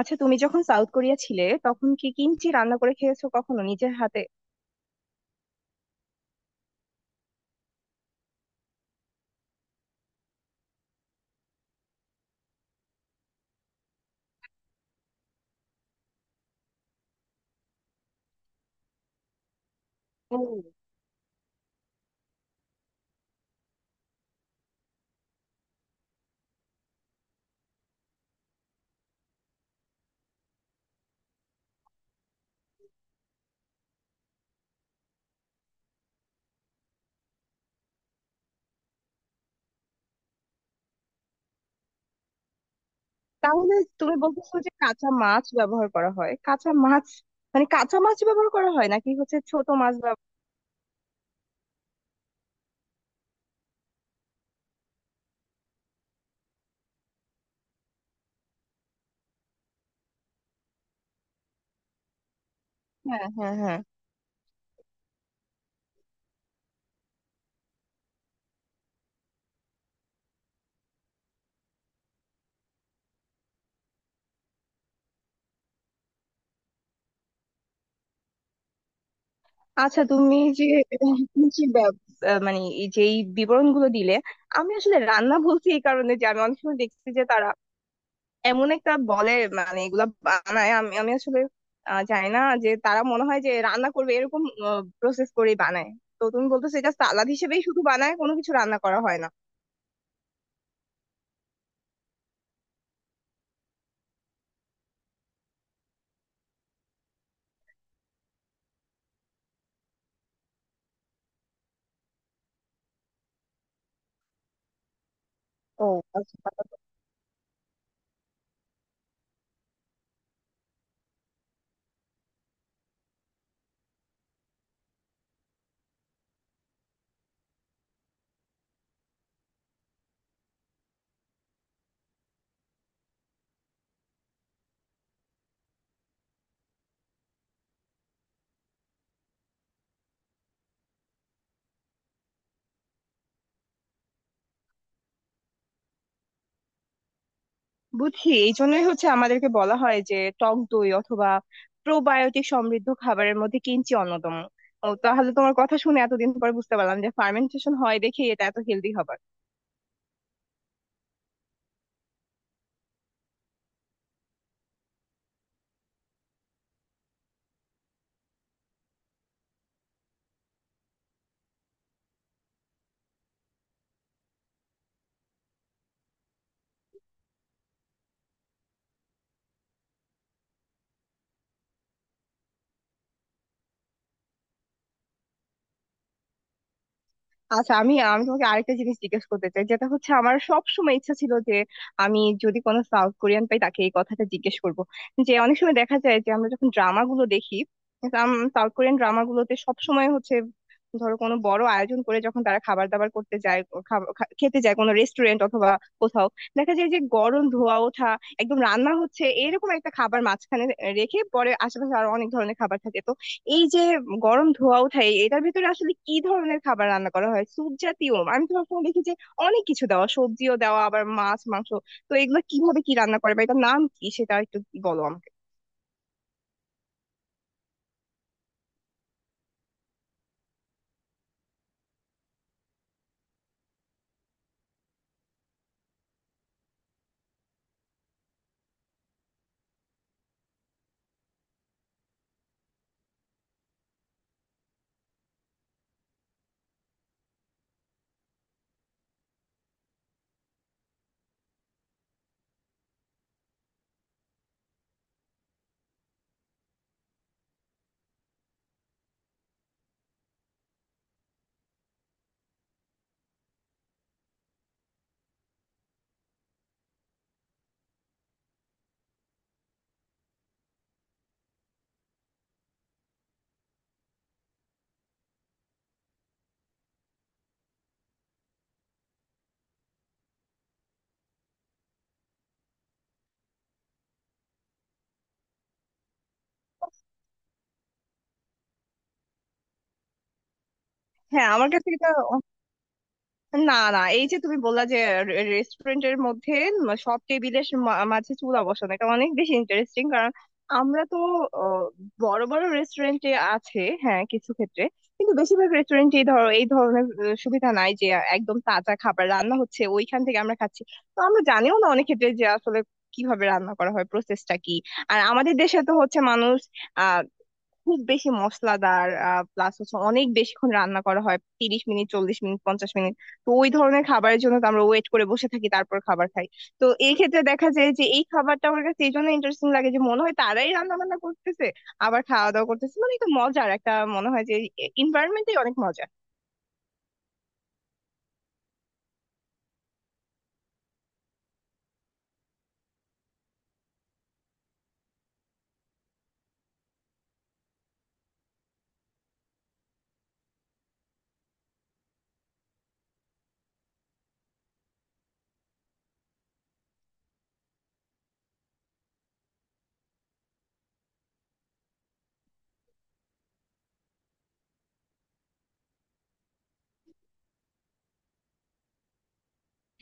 আচ্ছা, তুমি যখন সাউথ কোরিয়া ছিলে তখন কি কিমচি রান্না করে খেয়েছো কখনো নিজের হাতে? তাহলে তুমি বলতেছো যে কাঁচা মাছ ব্যবহার করা হয় কাঁচা মাছ? মানে কাঁচা মাছ ব্যবহার করা হয় নাকি হচ্ছে ছোট মাছ হ্যাঁ, হ্যাঁ, হ্যাঁ। আচ্ছা, তুমি যে ব্যব- মানে এই যে এই বিবরণগুলো দিলে, আমি আসলে রান্না বলছি এই কারণে যে আমি অনেক সময় দেখছি যে তারা এমন একটা বলে, মানে এগুলা বানায়। আমি আমি আসলে জানি না, যে তারা মনে হয় যে রান্না করবে এরকম, প্রসেস করেই বানায়। তো তুমি বলতেছো এটা সালাদ হিসেবেই শুধু বানায়, কোনো কিছু রান্না করা হয় না? ও আচ্ছা। বুঝছি, এই জন্যই হচ্ছে আমাদেরকে বলা হয় যে টক দই অথবা প্রোবায়োটিক সমৃদ্ধ খাবারের মধ্যে কিঞ্চি অন্যতম। ও তাহলে তোমার কথা শুনে এতদিন পর বুঝতে পারলাম যে ফার্মেন্টেশন হয় দেখে এটা এত হেলদি হবে। আচ্ছা, আমি আমি তোমাকে আরেকটা জিনিস জিজ্ঞেস করতে চাই, যেটা হচ্ছে আমার সব সময় ইচ্ছা ছিল যে আমি যদি কোনো সাউথ কোরিয়ান পাই তাকে এই কথাটা জিজ্ঞেস করব, যে অনেক সময় দেখা যায় যে আমরা যখন ড্রামা গুলো দেখি, সাউথ কোরিয়ান ড্রামা গুলোতে সব সময় হচ্ছে ধরো কোনো বড় আয়োজন করে যখন তারা খাবার দাবার করতে যায়, ও খেতে যায় কোনো রেস্টুরেন্ট অথবা কোথাও, দেখা যায় যে গরম ধোয়া ওঠা একদম রান্না হচ্ছে এরকম একটা খাবার মাঝখানে রেখে পরে আশেপাশে আরো অনেক ধরনের খাবার থাকে। তো এই যে গরম ধোঁয়া ওঠায় এটার ভেতরে আসলে কি ধরনের খাবার রান্না করা হয়, স্যুপ জাতীয়? আমি তো সবসময় দেখি যে অনেক কিছু দেওয়া, সবজিও দেওয়া, আবার মাছ মাংস। তো এগুলো কিভাবে কি রান্না করে বা এটার নাম কি, সেটা একটু বলো আমাকে। হ্যাঁ আমার কাছে এটা, না না, এই যে তুমি বললা যে রেস্টুরেন্টের মধ্যে সব টেবিলের মাঝে চুলা বসানো, এটা অনেক বেশি ইন্টারেস্টিং, কারণ আমরা তো আহ, বড় বড় রেস্টুরেন্টে আছে হ্যাঁ কিছু ক্ষেত্রে, কিন্তু বেশিরভাগ রেস্টুরেন্টে ধরো এই ধরনের সুবিধা নাই যে একদম তাজা খাবার রান্না হচ্ছে ওইখান থেকে আমরা খাচ্ছি। তো আমরা জানিও না অনেক ক্ষেত্রে যে আসলে কিভাবে রান্না করা হয়, প্রসেসটা কি। আর আমাদের দেশে তো হচ্ছে মানুষ খুব বেশি মশলাদার, প্লাস হচ্ছে অনেক বেশিক্ষণ রান্না করা হয়, 30 মিনিট, 40 মিনিট, 50 মিনিট। তো ওই ধরনের খাবারের জন্য তো আমরা ওয়েট করে বসে থাকি, তারপর খাবার খাই। তো এই ক্ষেত্রে দেখা যায় যে এই খাবারটা আমার কাছে এই জন্য ইন্টারেস্টিং লাগে যে মনে হয় তারাই রান্না বান্না করতেছে, আবার খাওয়া দাওয়া করতেছে, মানে একটা মজার একটা মনে হয় যে এনভায়রনমেন্টই অনেক মজা।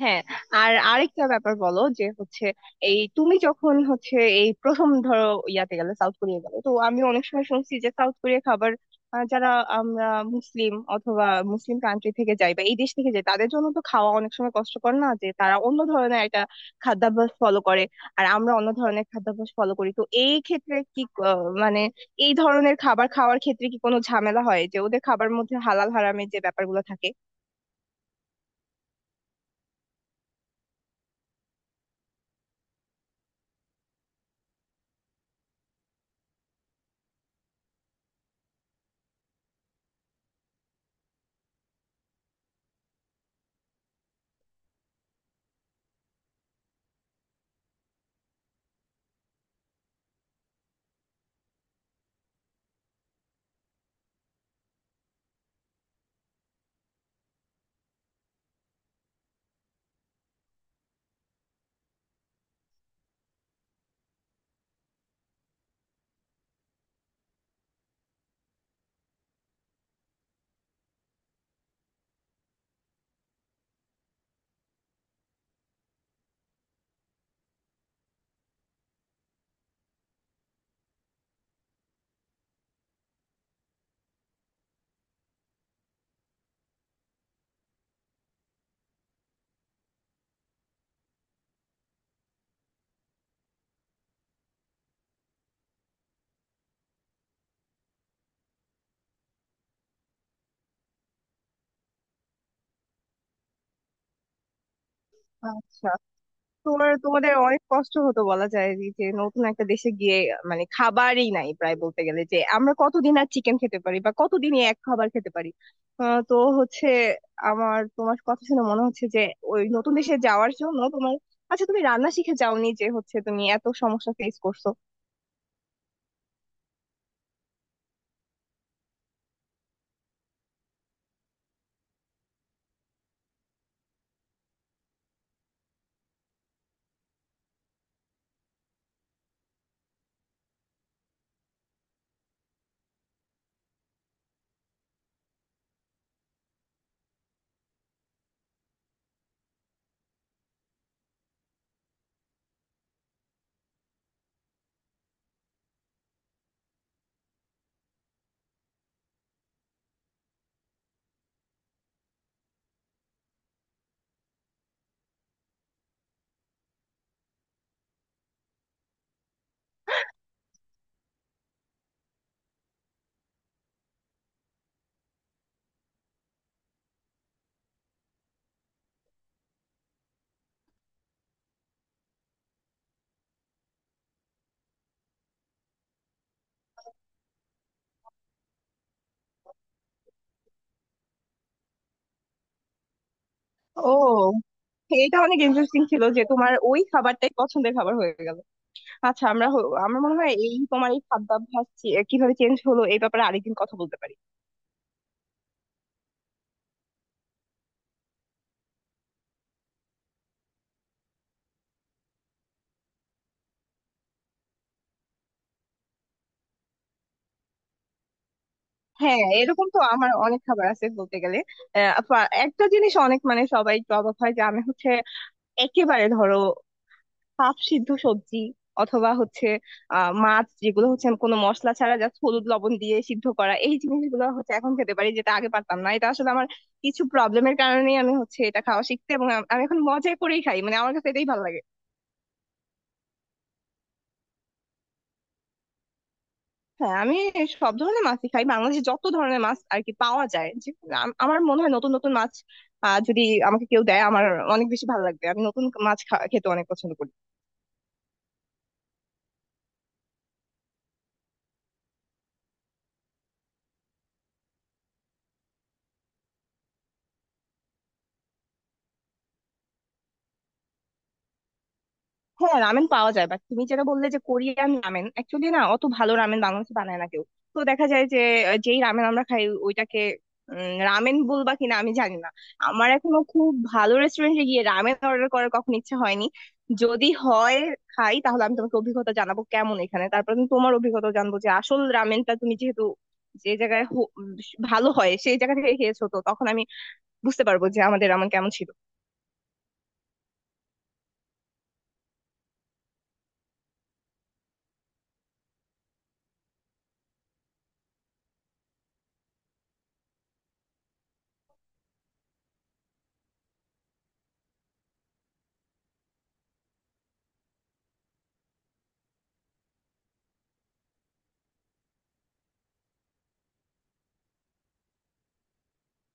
হ্যাঁ। আর আরেকটা ব্যাপার বলো, যে হচ্ছে এই তুমি যখন হচ্ছে এই প্রথম ধরো ইয়াতে গেলে, সাউথ কোরিয়া গেলে, তো আমি অনেক সময় শুনছি যে সাউথ কোরিয়া খাবার, যারা আমরা মুসলিম অথবা মুসলিম কান্ট্রি থেকে যাই বা এই দেশ থেকে যাই তাদের জন্য তো খাওয়া অনেক সময় কষ্টকর না, যে তারা অন্য ধরনের একটা খাদ্যাভ্যাস ফলো করে আর আমরা অন্য ধরনের খাদ্যাভ্যাস ফলো করি। তো এই ক্ষেত্রে কি মানে এই ধরনের খাবার খাওয়ার ক্ষেত্রে কি কোনো ঝামেলা হয় যে ওদের খাবার মধ্যে হালাল হারামের যে ব্যাপারগুলো থাকে? তোমার তোমাদের অনেক কষ্ট হতো বলা যায়, যে যে নতুন একটা দেশে গিয়ে মানে খাবারই নাই প্রায় বলতে গেলে, যে আমরা কতদিন আর চিকেন খেতে পারি বা কতদিনই এক খাবার খেতে পারি। তো হচ্ছে আমার তোমার কথা শুনে মনে হচ্ছে যে ওই নতুন দেশে যাওয়ার জন্য তোমার, আচ্ছা তুমি রান্না শিখে যাওনি, যে হচ্ছে তুমি এত সমস্যা ফেস করছো? ও, এটা অনেক ইন্টারেস্টিং ছিল যে তোমার ওই খাবারটাই পছন্দের খাবার হয়ে গেল। আচ্ছা আমরা আমার মনে হয় এই তোমার এই খাদ্যাভ্যাস কিভাবে চেঞ্জ হলো এই ব্যাপারে আরেকদিন কথা বলতে পারি। হ্যাঁ এরকম তো আমার অনেক খাবার আছে বলতে গেলে। একটা জিনিস অনেক, মানে সবাই একটু অবাক হয় যে আমি হচ্ছে একেবারে ধরো পাপ সিদ্ধ সবজি অথবা হচ্ছে মাছ, যেগুলো হচ্ছে আমি কোনো মশলা ছাড়া জাস্ট হলুদ লবণ দিয়ে সিদ্ধ করা, এই জিনিসগুলো হচ্ছে এখন খেতে পারি যেটা আগে পারতাম না। এটা আসলে আমার কিছু প্রবলেমের কারণেই আমি হচ্ছে এটা খাওয়া শিখতে, এবং আমি এখন মজা করেই খাই, মানে আমার কাছে এটাই ভালো লাগে। হ্যাঁ, আমি সব ধরনের মাছই খাই। বাংলাদেশে যত ধরনের মাছ আর কি পাওয়া যায়, যে আমার মনে হয় নতুন নতুন মাছ যদি আমাকে কেউ দেয় আমার অনেক বেশি ভালো লাগবে। আমি নতুন মাছ খেতে অনেক পছন্দ করি। হ্যাঁ রামেন পাওয়া যায়, বাট তুমি যেটা বললে যে কোরিয়ান রামেন, অ্যাকচুয়ালি না, অত ভালো রামেন বাংলাদেশে বানায় না কেউ। তো দেখা যায় যে যেই রামেন আমরা খাই ওইটাকে রামেন বলবা কিনা আমি জানি না। আমার এখনো খুব ভালো রেস্টুরেন্টে গিয়ে রামেন অর্ডার করার কখনো ইচ্ছা হয়নি। যদি হয় খাই, তাহলে আমি তোমাকে অভিজ্ঞতা জানাবো কেমন এখানে, তারপর আমি তোমার অভিজ্ঞতা জানবো যে আসল রামেনটা, তুমি যেহেতু যে জায়গায় ভালো হয় সেই জায়গা থেকে খেয়েছো, তো তখন আমি বুঝতে পারবো যে আমাদের রামেন কেমন ছিল।